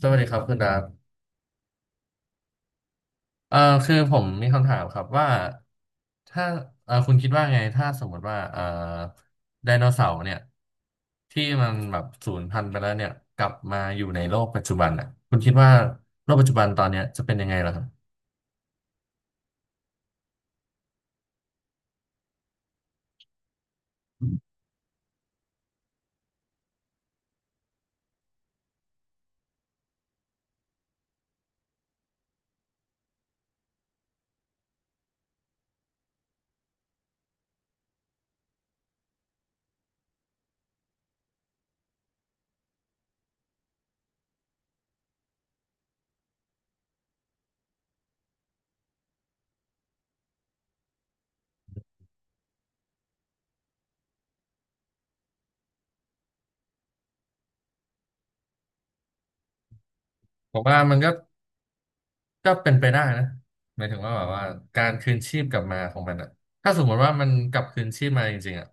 สวัสดีครับคุณดาบเอ่อคือผมมีคำถามครับว่าถ้าคุณคิดว่าไงถ้าสมมติว่าไดโนเสาร์เนี่ยที่มันแบบสูญพันธุ์ไปแล้วเนี่ยกลับมาอยู่ในโลกปัจจุบันอ่ะคุณคิดว่าโลกปัจจุบันตอนเนี้ยจะเป็นยังไงล่ะครับผมว่ามันก็เป็นไปได้นะหมายถึงว่าแบบว่าการคืนชีพกลับมาของมันอะถ้าสมมติว่ามันกลับคืนชีพมาจริงๆอะ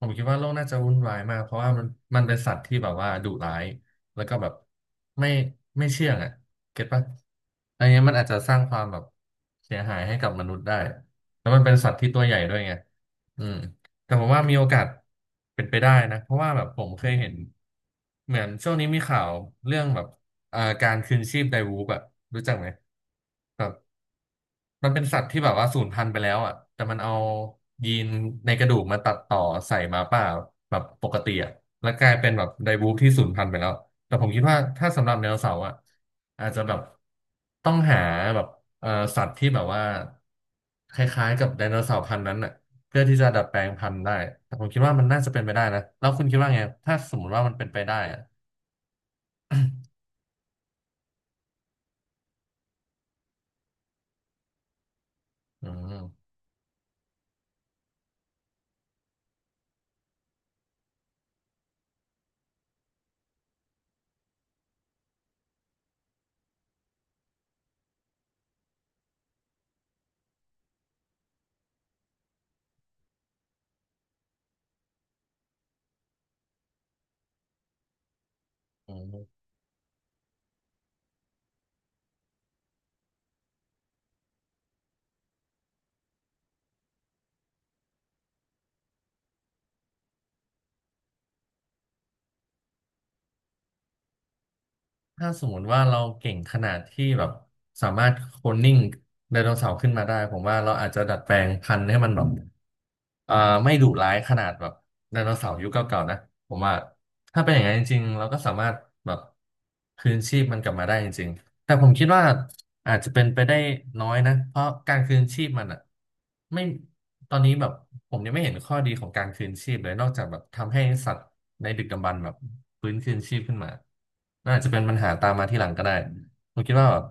ผมคิดว่าโลกน่าจะวุ่นวายมากเพราะว่ามันเป็นสัตว์ที่แบบว่าดุร้ายแล้วก็แบบไม่ไม่เชื่องอะเก็ตปะอันเนี้ยมันอาจจะสร้างความแบบเสียหายให้กับมนุษย์ได้แล้วมันเป็นสัตว์ที่ตัวใหญ่ด้วยไงอืมแต่ผมว่ามีโอกาสเป็นไปได้นะเพราะว่าแบบผมเคยเห็นเหมือนช่วงนี้มีข่าวเรื่องแบบการคืนชีพไดวูฟอะรู้จักไหม แบบมันเป็นสัตว์ที่แบบว่าสูญพันธุ์ไปแล้วอ่ะแต่มันเอายีนในกระดูกมาตัดต่อใส่หมาป่าแบบปกติอ่ะแล้วกลายเป็นแบบไดบูฟที่สูญพันธุ์ไปแล้วแต่ผมคิดว่าถ้าสำหรับไดโนเสาร์อ่ะอาจจะแบบต้องหาแบบเอ่อสัตว์ที่แบบว่าคล้ายๆกับไดโนเสาร์พันธุ์นั้นอ่ะเพื่อที่จะดัดแปลงพันธุ์ได้แต่ผมคิดว่ามันน่าจะเป็นไปได้นะแล้วคุณคิดว่าไงถ้าสมมติว่ามันเป็นไปได้อ่ะอืม ถ้าสมมติว่าเราเก่งขนาดที่แบบสามารถโคลนนิ่งไดโนเสาร์ขึ้นมาได้ผมว่าเราอาจจะดัดแปลงพันธุ์ให้มันแบบอ่าไม่ดุร้ายขนาดแบบไดโนเสาร์ยุคเก่าๆนะผมว่าถ้าเป็นอย่างนั้นจริงๆเราก็สามารถแบบคืนชีพมันกลับมาได้จริงๆแต่ผมคิดว่าอาจจะเป็นไปได้น้อยนะเพราะการคืนชีพมันอ่ะไม่ตอนนี้แบบผมยังไม่เห็นข้อดีของการคืนชีพเลยนอกจากแบบทำให้สัตว์ในดึกดำบรรพ์แบบฟื้นคืนชีพขึ้นมา น่าจะเป็นปัญหาตามมาทีหลังก็ได้ ผมคิดว่าแบบ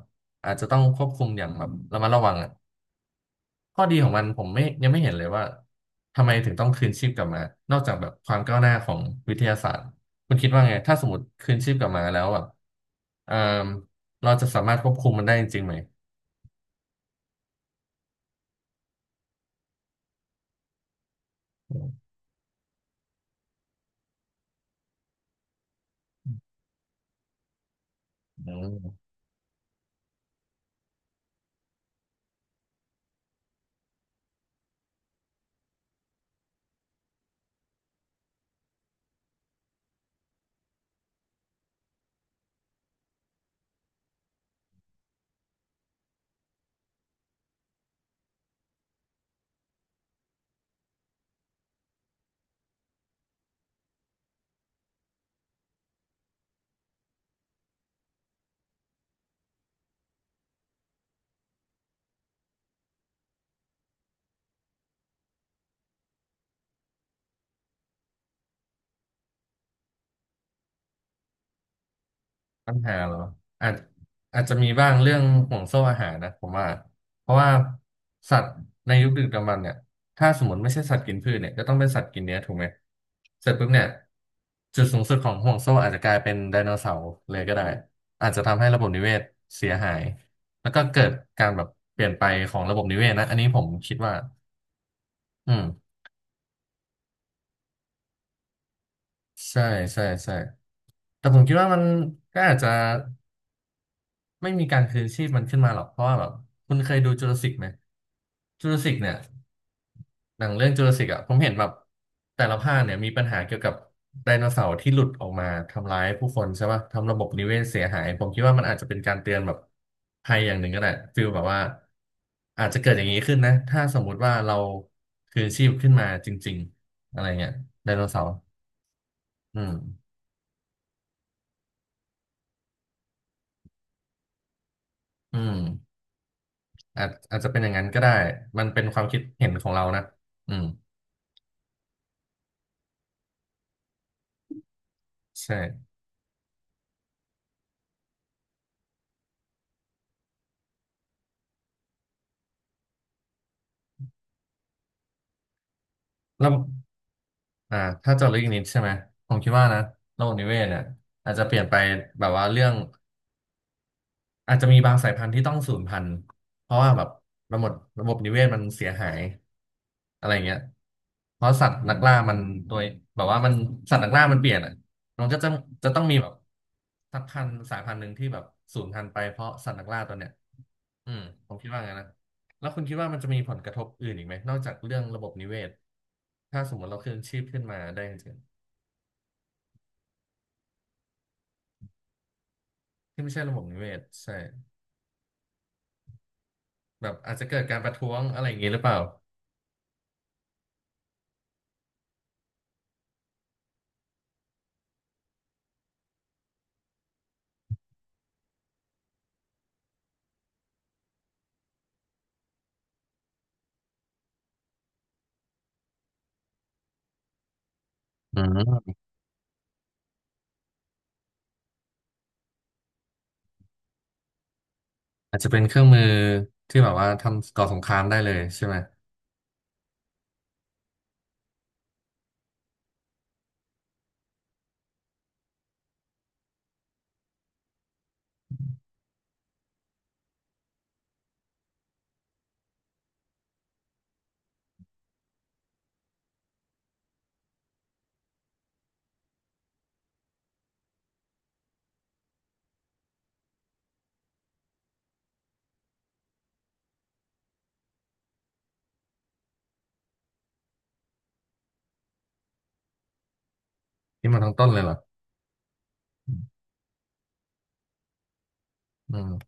อาจจะต้องควบคุมอย่างแบบระมัดระวังอ่ะข้อดีของมันผมไม่ยังไม่เห็นเลยว่าทำไมถึงต้องคืนชีพกลับมา นอกจากแบบความก้าวหน้าของวิทยาศาสตร์คุณคิดว่าไงถ้าสมมติคืนชีพกลับมาแล้วแบบเอ่อเราจะสามารถควบคุมมันได้จริงๆไหมอืม ปัญหาเหรออาจอาจจะมีบ้างเรื่องห่วงโซ่อาหารนะผมว่า เพราะว่าสัตว์ในยุคดึกดำบรรพ์เนี่ยถ้าสมมติไม่ใช่สัตว์กินพืชเนี่ยก็ต้องเป็นสัตว์กินเนื้อถูกไหมเสร็จปุ๊บเนี่ยจุดสูงสุดของห่วงโซ่อาจจะกลายเป็นไดโนเสาร์เลยก็ได้ อาจจะทำให้ระบบนิเวศเสียหาย แล้วก็เกิดการแบบเปลี่ยนไปของระบบนิเวศนะอันนี้ผมคิดว่า อืมใช่ใช่ใช่แต่ผมคิดว่ามันก็อาจจะ ไม่มีการคืนชีพมันขึ้นมาหรอกเพราะว่าแบบคุณเคยดูจูราสสิกไหมจูราสสิกเนี่ยหนังเรื่องจูราสสิกอ่ะผมเห็นแบบแต่ละภาคเนี่ยมีปัญหาเกี่ยวกับไดโนเสาร์ที่หลุดออกมาทำร้ายผู้คนใช่ป่ะทำระบบนิเวศเสียหายผมคิดว่ามันอาจจะเป็นการเตือนแบบภัยอย่างหนึ่งก็ได้ฟีลแบบว่าอาจจะเกิดอย่างนี้ขึ้นนะถ้าสมมุติว่าเราคืนชีพขึ้นมาจริงๆอะไรเงี้ยไดโนเสาร์อืมอืมอาจจะเป็นอย่างนั้นก็ได้มันเป็นความคิดเห็นของเรานะอืมใช่ ระบบอ่าถ้าเจาะลึกอีกนิดใช่ไหมผมคิดว่านะระบบนิเวศเนี่ยอาจจะเปลี่ยนไปแบบว่าเรื่องอาจจะมีบางสายพันธุ์ที่ต้องสูญพันธุ์เพราะว่าแบบระบบระบบนิเวศมันเสียหายอะไรเงี้ยเพราะสัตว์นักล่ามันโดยแบบว่ามันสัตว์นักล่ามันเปลี่ยนอ่ะมันก็จะต้องมีแบบสักพันธุ์สายพันธุ์หนึ่งที่แบบสูญพันธุ์ไปเพราะสัตว์นักล่าตัวเนี้ยอืมผมคิดว่างั้นนะแล้วคุณคิดว่ามันจะมีผลกระทบอื่นอีกไหมนอกจากเรื่องระบบนิเวศถ้าสมมติเราคืนชีพขึ้นมาได้จริง ที่ไม่ใช่ระบบนิเวศใช่แบบอาจจะเกิดการประท้วงอะไรอย่างงี้หรือเปล่าอืมอาจจะเป็นเครื่องมือที่แบบว่าทำก่อสงครามได้เลยใช่ไหมนี่มันทั้งต้นเลยเหรออืม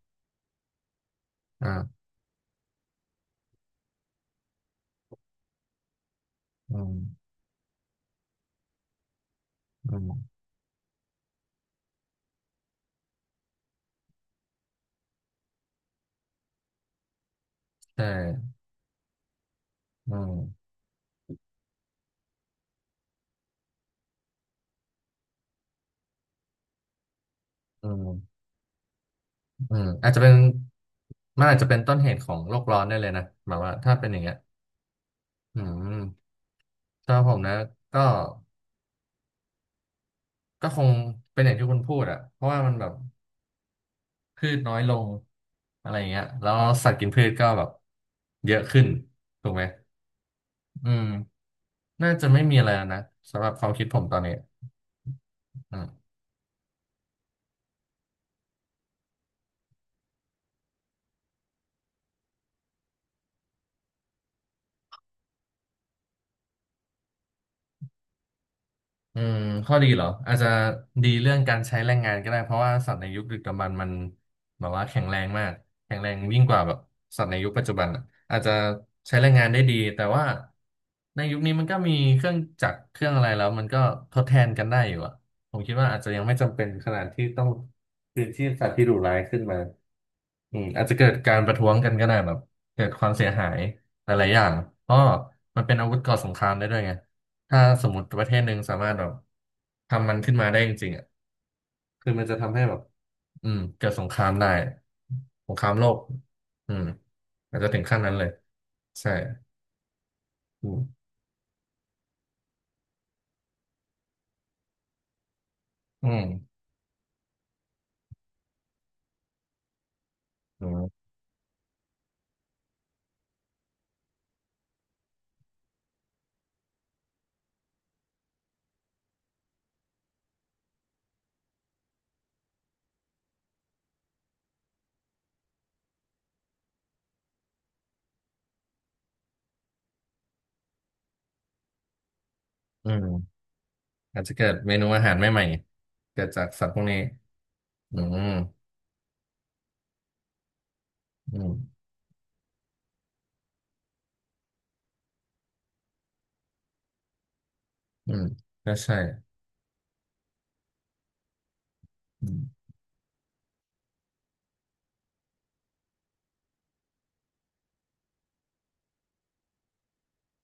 อ่าอืมอืมใช่อืมอืมอืมอาจจะเป็นมันอาจจะเป็นต้นเหตุของโลกร้อนได้เลยนะแบบว่าถ้าเป็นอย่างเงี้ยอืมสำหรับผมนะก็ก็คงเป็นอย่างที่คุณพูดอะเพราะว่ามันแบบ พืชน้อยลงอะไรอย่างเงี้ยแล้วสัตว์กินพืชก็แบบเยอะขึ้นถูกไหม อืม น่าจะไม่มีอะไรแล้วนะสำหรับความคิดผมตอนนี้อืม อืมข้อดีเหรออาจจะดีเรื่องการใช้แรงงานก็ได้เพราะว่าสัตว์ในยุคดึกดำบรรพ์มันแบบว่าแข็งแรงมากแข็งแรงยิ่งกว่าแบบสัตว์ในยุคปัจจุบันอะอาจจะใช้แรงงานได้ดีแต่ว่าในยุคนี้มันก็มีเครื่องจักรเครื่องอะไรแล้วมันก็ทดแทนกันได้อยู่อะผมคิดว่าอาจจะยังไม่จำเป็นขนาดที่ต้องคืนชีพสัตว์ที่ดุร้ายขึ้นมา อืมอาจจะเกิดการประท้วงกันก็ได้แบบเกิดความเสียหายหลายๆอย่างเพราะมันเป็นอาวุธก่อสงครามได้ด้วยไงถ้าสมมติประเทศหนึ่งสามารถแบบทำมันขึ้นมาได้จริงๆอ่ะคือมันจะทำให้แบบอืมเกิดสงครามได้สงครามโลกอืมอาจจะถึงขั้นนั้นเลยใช่อืมอืมอืมอืมอาจจะเกิดเมนูอาหารใหม่ๆเกิดจากสัตว์พวกนี้อืมอืมอืมก็ใช่อืม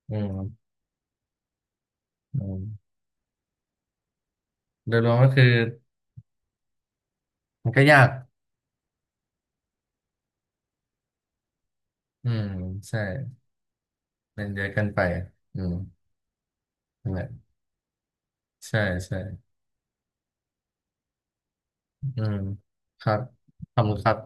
อืมอืมโดยรวมก็คือ มันก็ยากอืมใช่ เป็นเยอะเกันไปอืมนั่นแหละใช่ ใช่อืมครับขอบคุณครับ